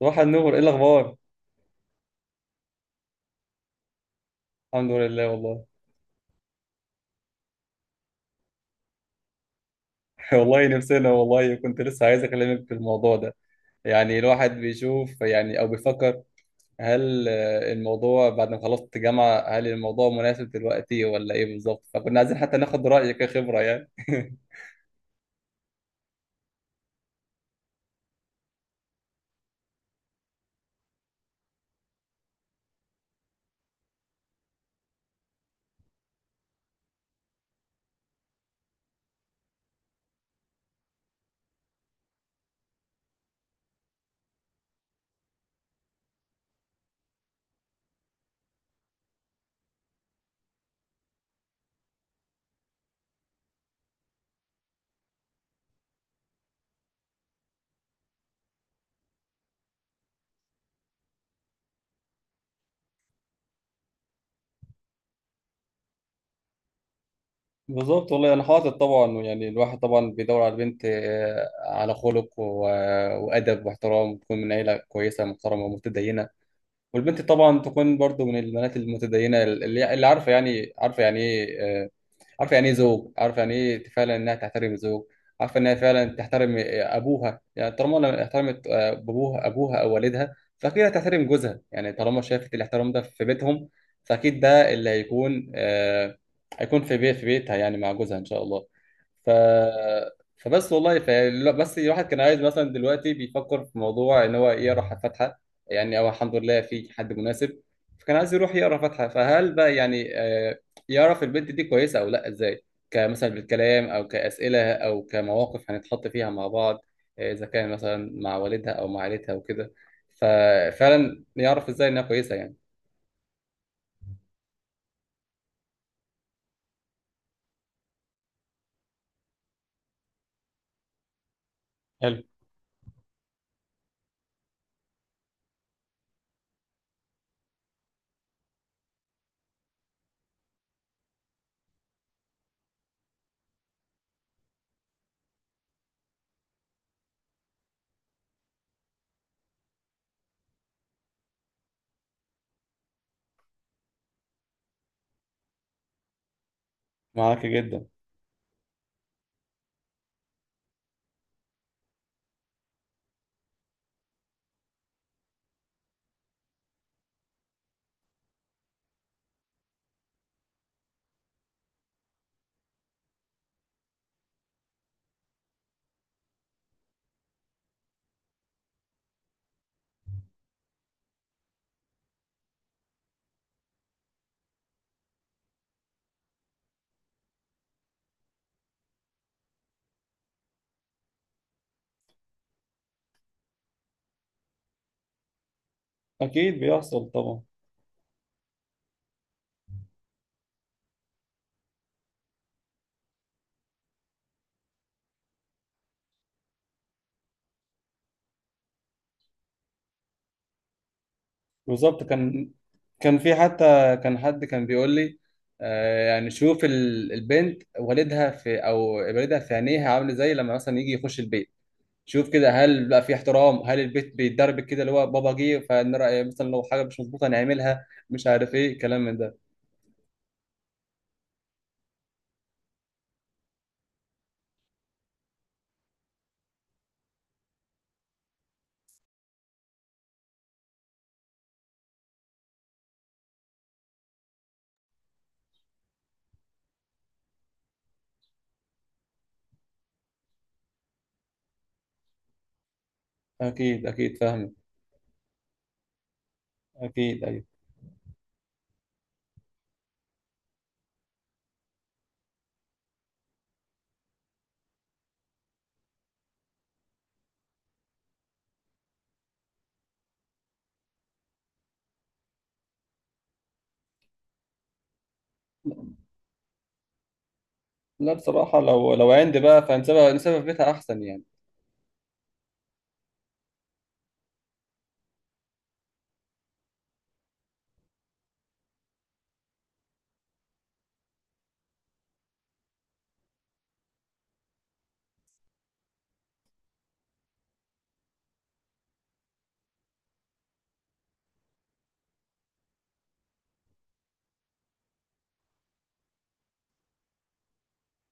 صباح النور، ايه الاخبار؟ الحمد لله والله. والله نفسنا، والله كنت لسه عايز اكلمك في الموضوع ده. يعني الواحد بيشوف، او بيفكر هل الموضوع بعد ما خلصت جامعة، هل الموضوع مناسب دلوقتي ولا ايه بالظبط؟ فكنا عايزين حتى ناخد رأيك كخبرة يعني. بالظبط والله. انا حاطط طبعا، يعني الواحد طبعا بيدور على بنت، على خلق وادب واحترام، وتكون من عيله كويسه محترمه ومتدينه. والبنت طبعا تكون برضو من البنات المتدينة، اللي عارفة يعني، عارفة يعني ايه، عارفه يعني ايه زوج، عارفه يعني ايه فعلا انها تحترم الزوج، عارفه انها فعلا تحترم ابوها. يعني طالما لما احترمت ابوها او والدها، فاكيد هتحترم جوزها. يعني طالما شافت الاحترام ده في بيتهم، فاكيد ده اللي هيكون هيكون في بيتها يعني مع جوزها ان شاء الله. ف فبس والله لا، بس الواحد كان عايز مثلا، دلوقتي بيفكر في موضوع ان هو يقرا فاتحه، يعني او الحمد لله في حد مناسب. فكان عايز يروح يقرا فاتحه، فهل بقى يعني يعرف البنت دي كويسة أو لأ إزاي؟ كمثلا بالكلام أو كأسئلة أو كمواقف هنتحط فيها مع بعض، إذا كان مثلا مع والدها أو مع عيلتها وكده، ففعلا يعرف إزاي إنها كويسة يعني. حلو. معاك جدا. أكيد بيحصل طبعا. بالظبط. كان، كان في حتى، كان حد كان بيقول لي يعني شوف البنت والدها في، أو والدها في عينيها عامل إزاي لما مثلا يجي يخش البيت. شوف كده هل بقى في احترام، هل البيت بيتدرب كده اللي هو بابا جه فنرى مثلا لو حاجه مش مظبوطه نعملها، مش عارف ايه الكلام من ده. اكيد اكيد، فاهمك. اكيد ايوه. لا بصراحه، لو عندي بقى فنسيبها، نسيبها في بيتها احسن يعني.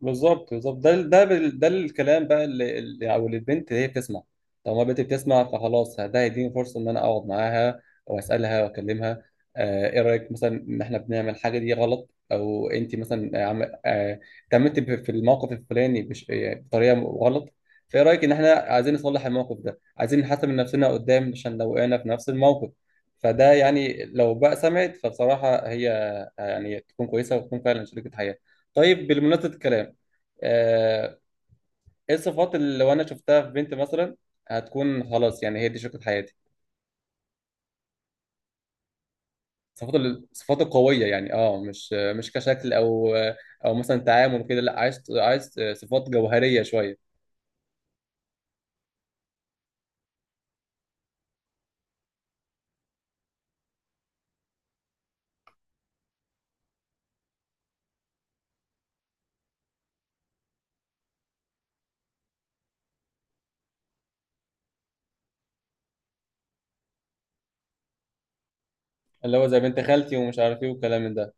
بالظبط ده الكلام بقى اللي اللي- او اللي البنت هي بتسمع. طالما البنت بتسمع فخلاص، ده هيديني فرصه ان انا اقعد معاها واسالها واكلمها. ايه رايك مثلا ان احنا بنعمل الحاجه دي غلط، او انت مثلا اتعاملتي في الموقف الفلاني بطريقه غلط، فايه رايك ان احنا عايزين نصلح الموقف ده، عايزين نحسن من نفسنا قدام، عشان لو وقعنا في نفس الموقف. فده يعني لو بقى سمعت، فبصراحه هي يعني تكون كويسه وتكون فعلا شريكه حياه. طيب بالمناسبه الكلام، آه، ايه الصفات اللي لو انا شفتها في بنت مثلا هتكون خلاص يعني هي دي شريكة حياتي؟ الصفات الصفات القوية يعني، اه مش كشكل او او مثلا تعامل كده، لا عايز صفات جوهرية شوية. اللي هو زي بنت خالتي ومش عارف ايه والكلام من ده.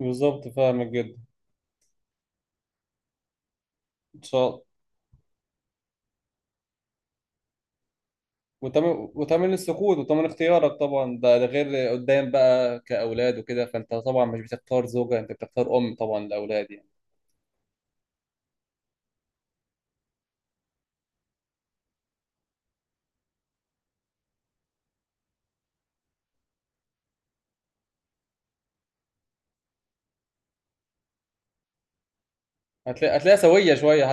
بالظبط، فاهمك جدا. ان شاء الله. وتمن، وتمن السكوت وتمن اختيارك طبعا. ده غير قدام بقى كأولاد وكده، فانت طبعا مش بتختار زوجة، انت بتختار ام طبعا لأولاد يعني. هتلاقيها سوية شوية.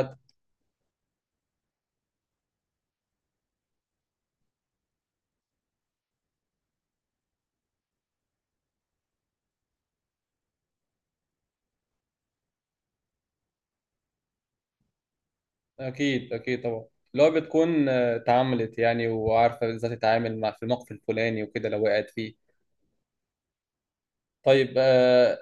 اكيد اكيد طبعا. اللي هو بتكون اتعاملت يعني وعارفه ازاي تتعامل مع في الموقف الفلاني وكده لو وقعت فيه. طيب آه.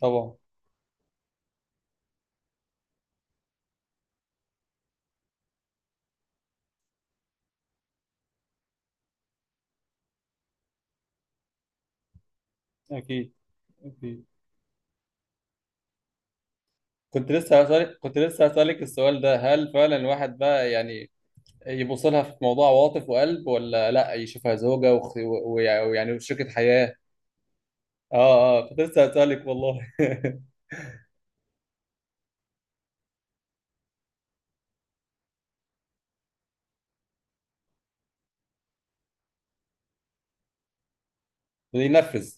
طبعا. اكيد اكيد. كنت لسه هسألك السؤال ده، هل فعلا الواحد بقى يعني يبص لها في موضوع عواطف وقلب، ولا لا يشوفها زوجة ويعني شريكة حياة؟ اه اه، كنت لسه هسألك والله. ينفذ.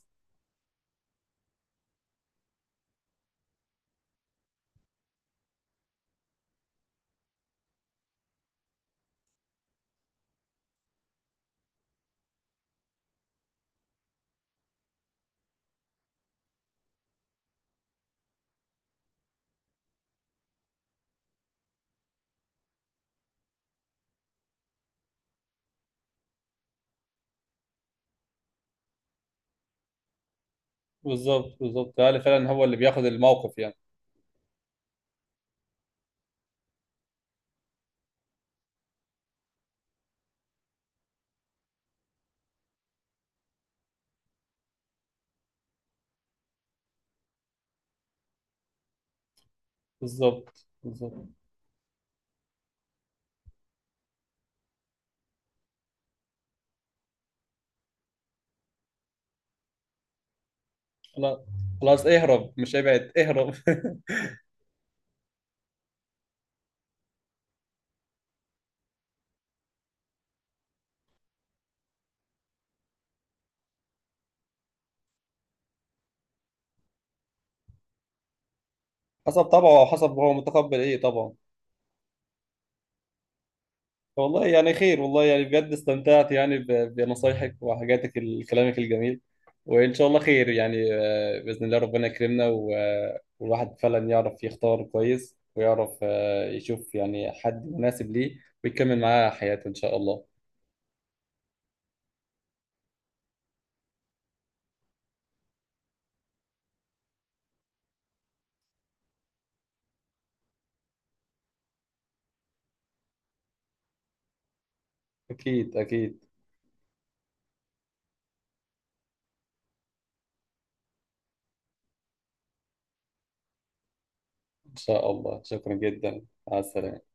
بالظبط، هل فعلا هو اللي بياخد الموقف يعني؟ بالظبط. خلاص، خلاص اهرب، مش ابعد اهرب. حسب طبعه او حسب هو متقبل ايه طبعا. والله يعني خير، والله يعني بجد استمتعت يعني بنصايحك وحاجاتك كلامك الجميل. وان شاء الله خير يعني، باذن الله ربنا يكرمنا والواحد فعلا يعرف يختار كويس، ويعرف يشوف يعني حد مناسب ليه ويكمل معاه حياته ان شاء الله. اكيد اكيد ان شاء الله. شكرا جدا، مع السلامه.